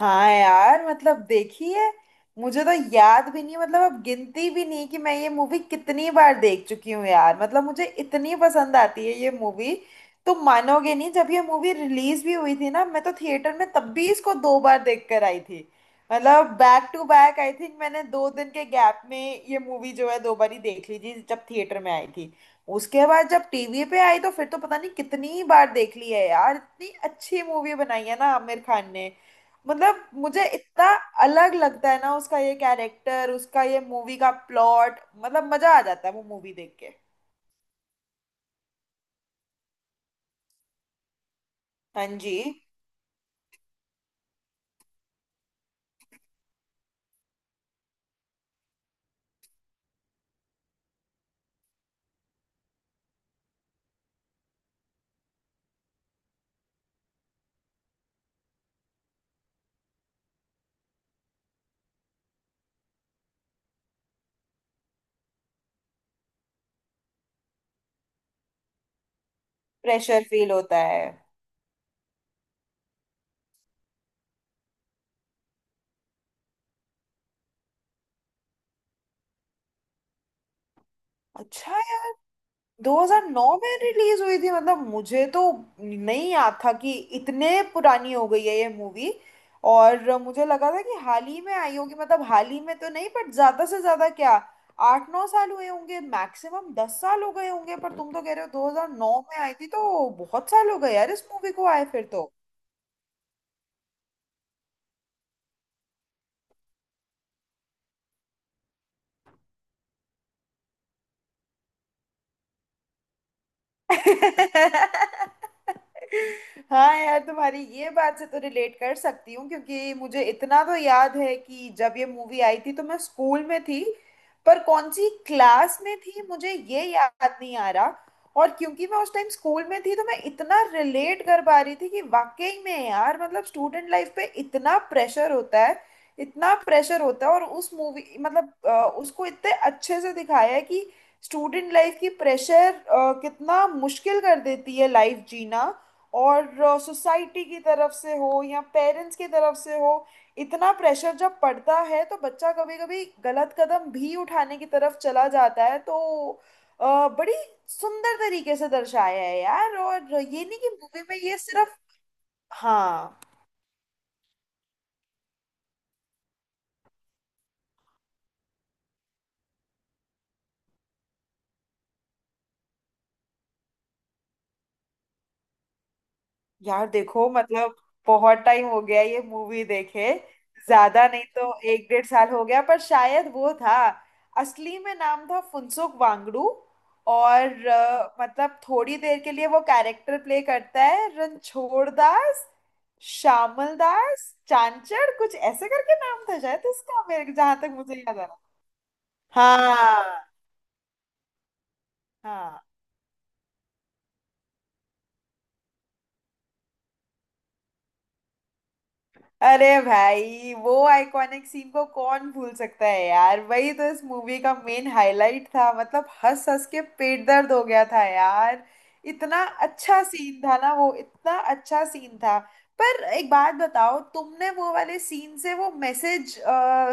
हाँ यार, मतलब देखी है। मुझे तो याद भी नहीं है, मतलब अब गिनती भी नहीं कि मैं ये मूवी कितनी बार देख चुकी हूँ। यार मतलब मुझे इतनी पसंद आती है ये मूवी। तुम मानोगे नहीं, जब ये मूवी रिलीज भी हुई थी ना, मैं तो थिएटर में तब भी इसको दो बार देख कर आई थी। मतलब back to back, I think मैंने दो दिन के गैप में ये मूवी जो है दो बार ही देख ली थी जब थिएटर में आई थी। उसके बाद जब टीवी पे आई तो फिर तो पता नहीं कितनी बार देख ली है यार। इतनी अच्छी मूवी बनाई है ना आमिर खान ने। मतलब मुझे इतना अलग लगता है ना उसका ये कैरेक्टर, उसका ये मूवी का प्लॉट। मतलब मजा आ जाता है वो मूवी देख के। हाँ जी। प्रेशर फील होता है। अच्छा, 2009 में रिलीज हुई थी? मतलब मुझे तो नहीं याद था कि इतने पुरानी हो गई है ये मूवी। और मुझे लगा था कि हाल ही में आई होगी, मतलब हाल ही में तो नहीं, बट ज्यादा से ज्यादा क्या आठ नौ साल हुए होंगे मैक्सिमम, दस साल हो गए होंगे। पर तुम तो कह रहे हो 2009 में आई थी, तो बहुत साल हो गए यार इस मूवी को आए फिर तो। हाँ यार, तुम्हारी ये बात से तो रिलेट कर सकती हूँ, क्योंकि मुझे इतना तो याद है कि जब ये मूवी आई थी तो मैं स्कूल में थी। पर कौन सी क्लास में थी मुझे ये याद नहीं आ रहा। और क्योंकि मैं उस टाइम स्कूल में थी, तो मैं इतना रिलेट कर पा रही थी कि वाकई में यार, मतलब स्टूडेंट लाइफ पे इतना प्रेशर होता है। इतना प्रेशर होता है और उस मूवी, उसको इतने अच्छे से दिखाया है कि स्टूडेंट लाइफ की प्रेशर कितना मुश्किल कर देती है लाइफ जीना। और सोसाइटी की तरफ से हो या पेरेंट्स की तरफ से हो, इतना प्रेशर जब पड़ता है तो बच्चा कभी कभी गलत कदम भी उठाने की तरफ चला जाता है। तो बड़ी सुंदर तरीके से दर्शाया है यार, और ये नहीं कि मूवी में ये सिर्फ। हाँ यार, देखो मतलब बहुत टाइम हो गया ये मूवी देखे। ज्यादा नहीं तो एक डेढ़ साल हो गया, पर शायद वो था, असली में नाम था फुनसुक वांगडू। और मतलब थोड़ी देर के लिए वो कैरेक्टर प्ले करता है रणछोड़ दास श्यामल दास चांचड़, कुछ ऐसे करके नाम था शायद इसका मेरे, जहां तक मुझे याद आ रहा। हाँ। हाँ, अरे भाई वो आइकॉनिक सीन को कौन भूल सकता है यार, वही तो इस मूवी का मेन हाईलाइट था। मतलब हंस हंस के पेट दर्द हो गया था यार। इतना अच्छा सीन था ना वो, इतना अच्छा सीन था। पर एक बात बताओ, तुमने वो वाले सीन से वो मैसेज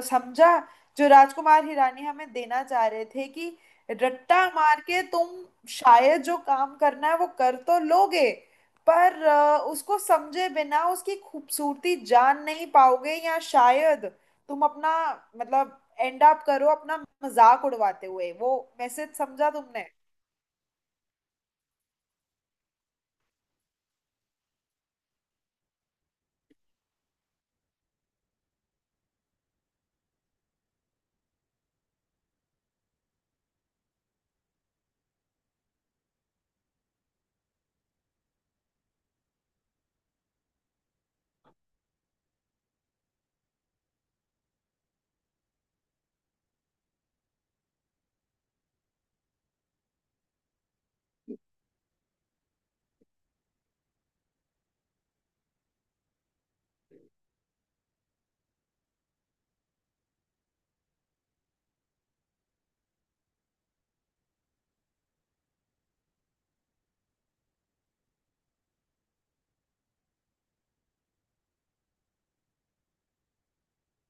समझा जो राजकुमार हिरानी हमें देना चाह रहे थे कि रट्टा मार के तुम शायद जो काम करना है वो कर तो लोगे, पर उसको समझे बिना उसकी खूबसूरती जान नहीं पाओगे, या शायद तुम अपना, मतलब एंड अप करो अपना मजाक उड़वाते हुए वो। मैसेज समझा तुमने?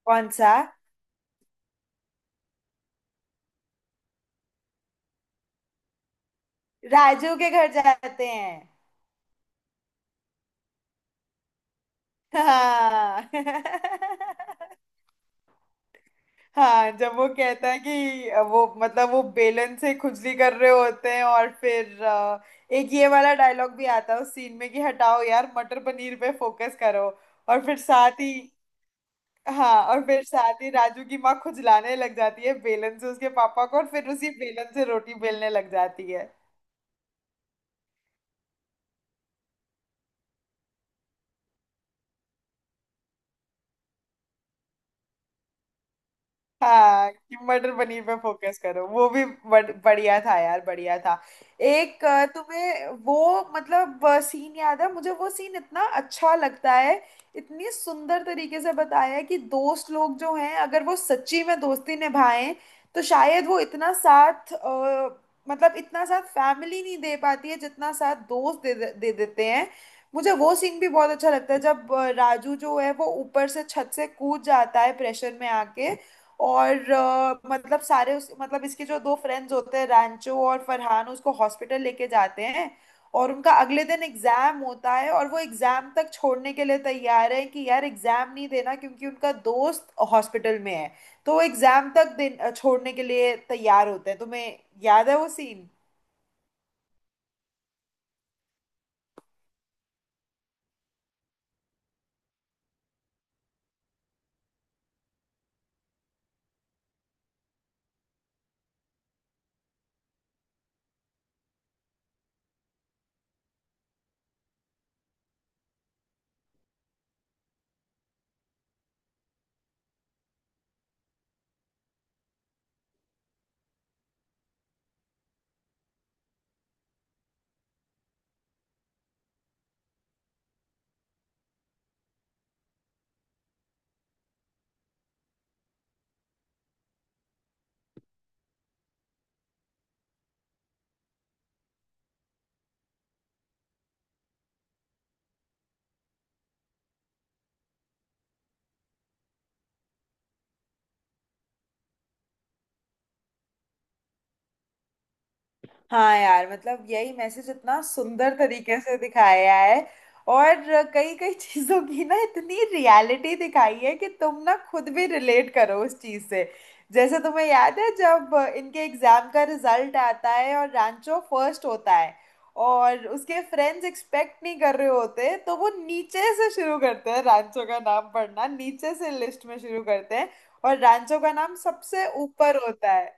कौन सा? राजू के घर जाते हैं। हाँ। हाँ, जब वो कहता है कि वो मतलब वो बेलन से खुजली कर रहे होते हैं और फिर एक ये वाला डायलॉग भी आता है उस सीन में कि हटाओ यार मटर पनीर पे फोकस करो। और फिर साथ ही। हाँ, और फिर साथ ही राजू की माँ खुजलाने लग जाती है बेलन से उसके पापा को और फिर उसी बेलन से रोटी बेलने लग जाती है। हाँ, कि मटर पनीर पे फोकस करो। वो भी बढ़िया था यार, बढ़िया था। एक तुम्हें वो मतलब सीन याद है, मुझे वो सीन इतना अच्छा लगता है। इतनी सुंदर तरीके से बताया है कि दोस्त लोग जो हैं अगर वो सच्ची में दोस्ती निभाएं तो शायद वो इतना साथ मतलब इतना साथ फैमिली नहीं दे पाती है जितना साथ दोस्त दे देते हैं। मुझे वो सीन भी बहुत अच्छा लगता है जब राजू जो है वो ऊपर से छत से कूद जाता है प्रेशर में आके। और मतलब सारे उस मतलब इसके जो दो फ्रेंड्स होते हैं रैंचो और फरहान, उसको हॉस्पिटल लेके जाते हैं। और उनका अगले दिन एग्जाम होता है और वो एग्जाम तक छोड़ने के लिए तैयार है कि यार एग्जाम नहीं देना क्योंकि उनका दोस्त हॉस्पिटल में है। तो वो एग्जाम तक दिन छोड़ने के लिए तैयार होते हैं। तुम्हें याद है वो सीन? हाँ यार, मतलब यही मैसेज इतना सुंदर तरीके से दिखाया है। और कई कई चीजों की ना इतनी रियलिटी दिखाई है कि तुम ना खुद भी रिलेट करो उस चीज से। जैसे तुम्हें याद है जब इनके एग्जाम का रिजल्ट आता है और रांचो फर्स्ट होता है, और उसके फ्रेंड्स एक्सपेक्ट नहीं कर रहे होते तो वो नीचे से शुरू करते हैं रांचो का नाम पढ़ना, नीचे से लिस्ट में शुरू करते हैं, और रांचो का नाम सबसे ऊपर होता है।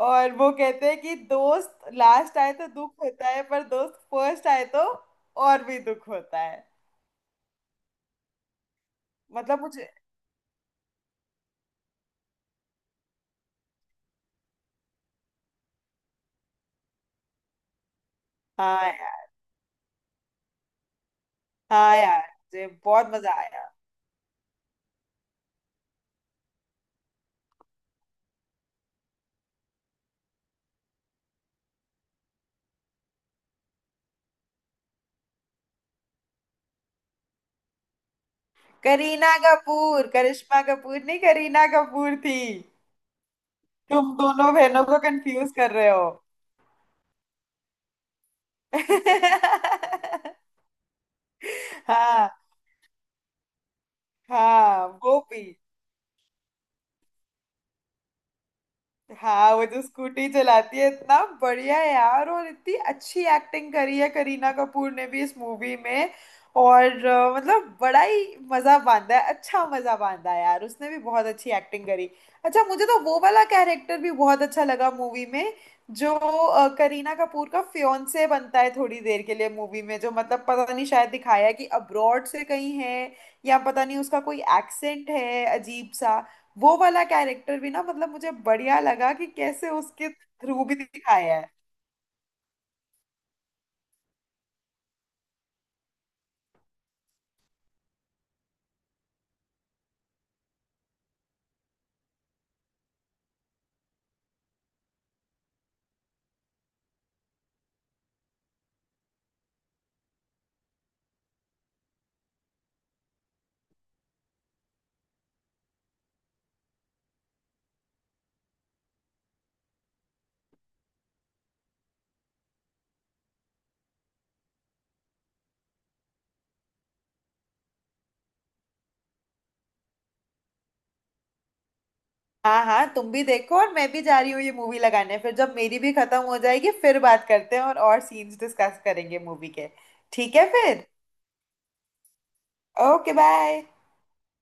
और वो कहते हैं कि दोस्त लास्ट आए तो दुख होता है, पर दोस्त फर्स्ट आए तो और भी दुख होता है। मतलब मुझे। हाँ यार। हाँ यार, मुझे बहुत मजा आया। करीना कपूर, करिश्मा कपूर नहीं, करीना कपूर थी। तुम दोनों बहनों को कंफ्यूज कर रहे हो। हाँ। हाँ वो भी। हाँ, वो जो स्कूटी चलाती है, इतना बढ़िया है यार, और इतनी अच्छी एक्टिंग करी है करीना कपूर ने भी इस मूवी में। और मतलब बड़ा ही मजा बांधा है, अच्छा मजा बांधा है यार, उसने भी बहुत अच्छी एक्टिंग करी। अच्छा, मुझे तो वो वाला कैरेक्टर भी बहुत अच्छा लगा मूवी में, जो करीना कपूर का फियोंसे बनता है थोड़ी देर के लिए मूवी में, जो मतलब पता नहीं शायद दिखाया है कि अब्रॉड से कहीं है या पता नहीं उसका कोई एक्सेंट है अजीब सा। वो वाला कैरेक्टर भी ना मतलब मुझे बढ़िया लगा कि कैसे उसके थ्रू भी दिखाया है। हाँ हाँ, तुम भी देखो और मैं भी जा रही हूँ ये मूवी लगाने, फिर जब मेरी भी खत्म हो जाएगी फिर बात करते हैं और सीन्स डिस्कस करेंगे मूवी के। ठीक है फिर। Okay, bye.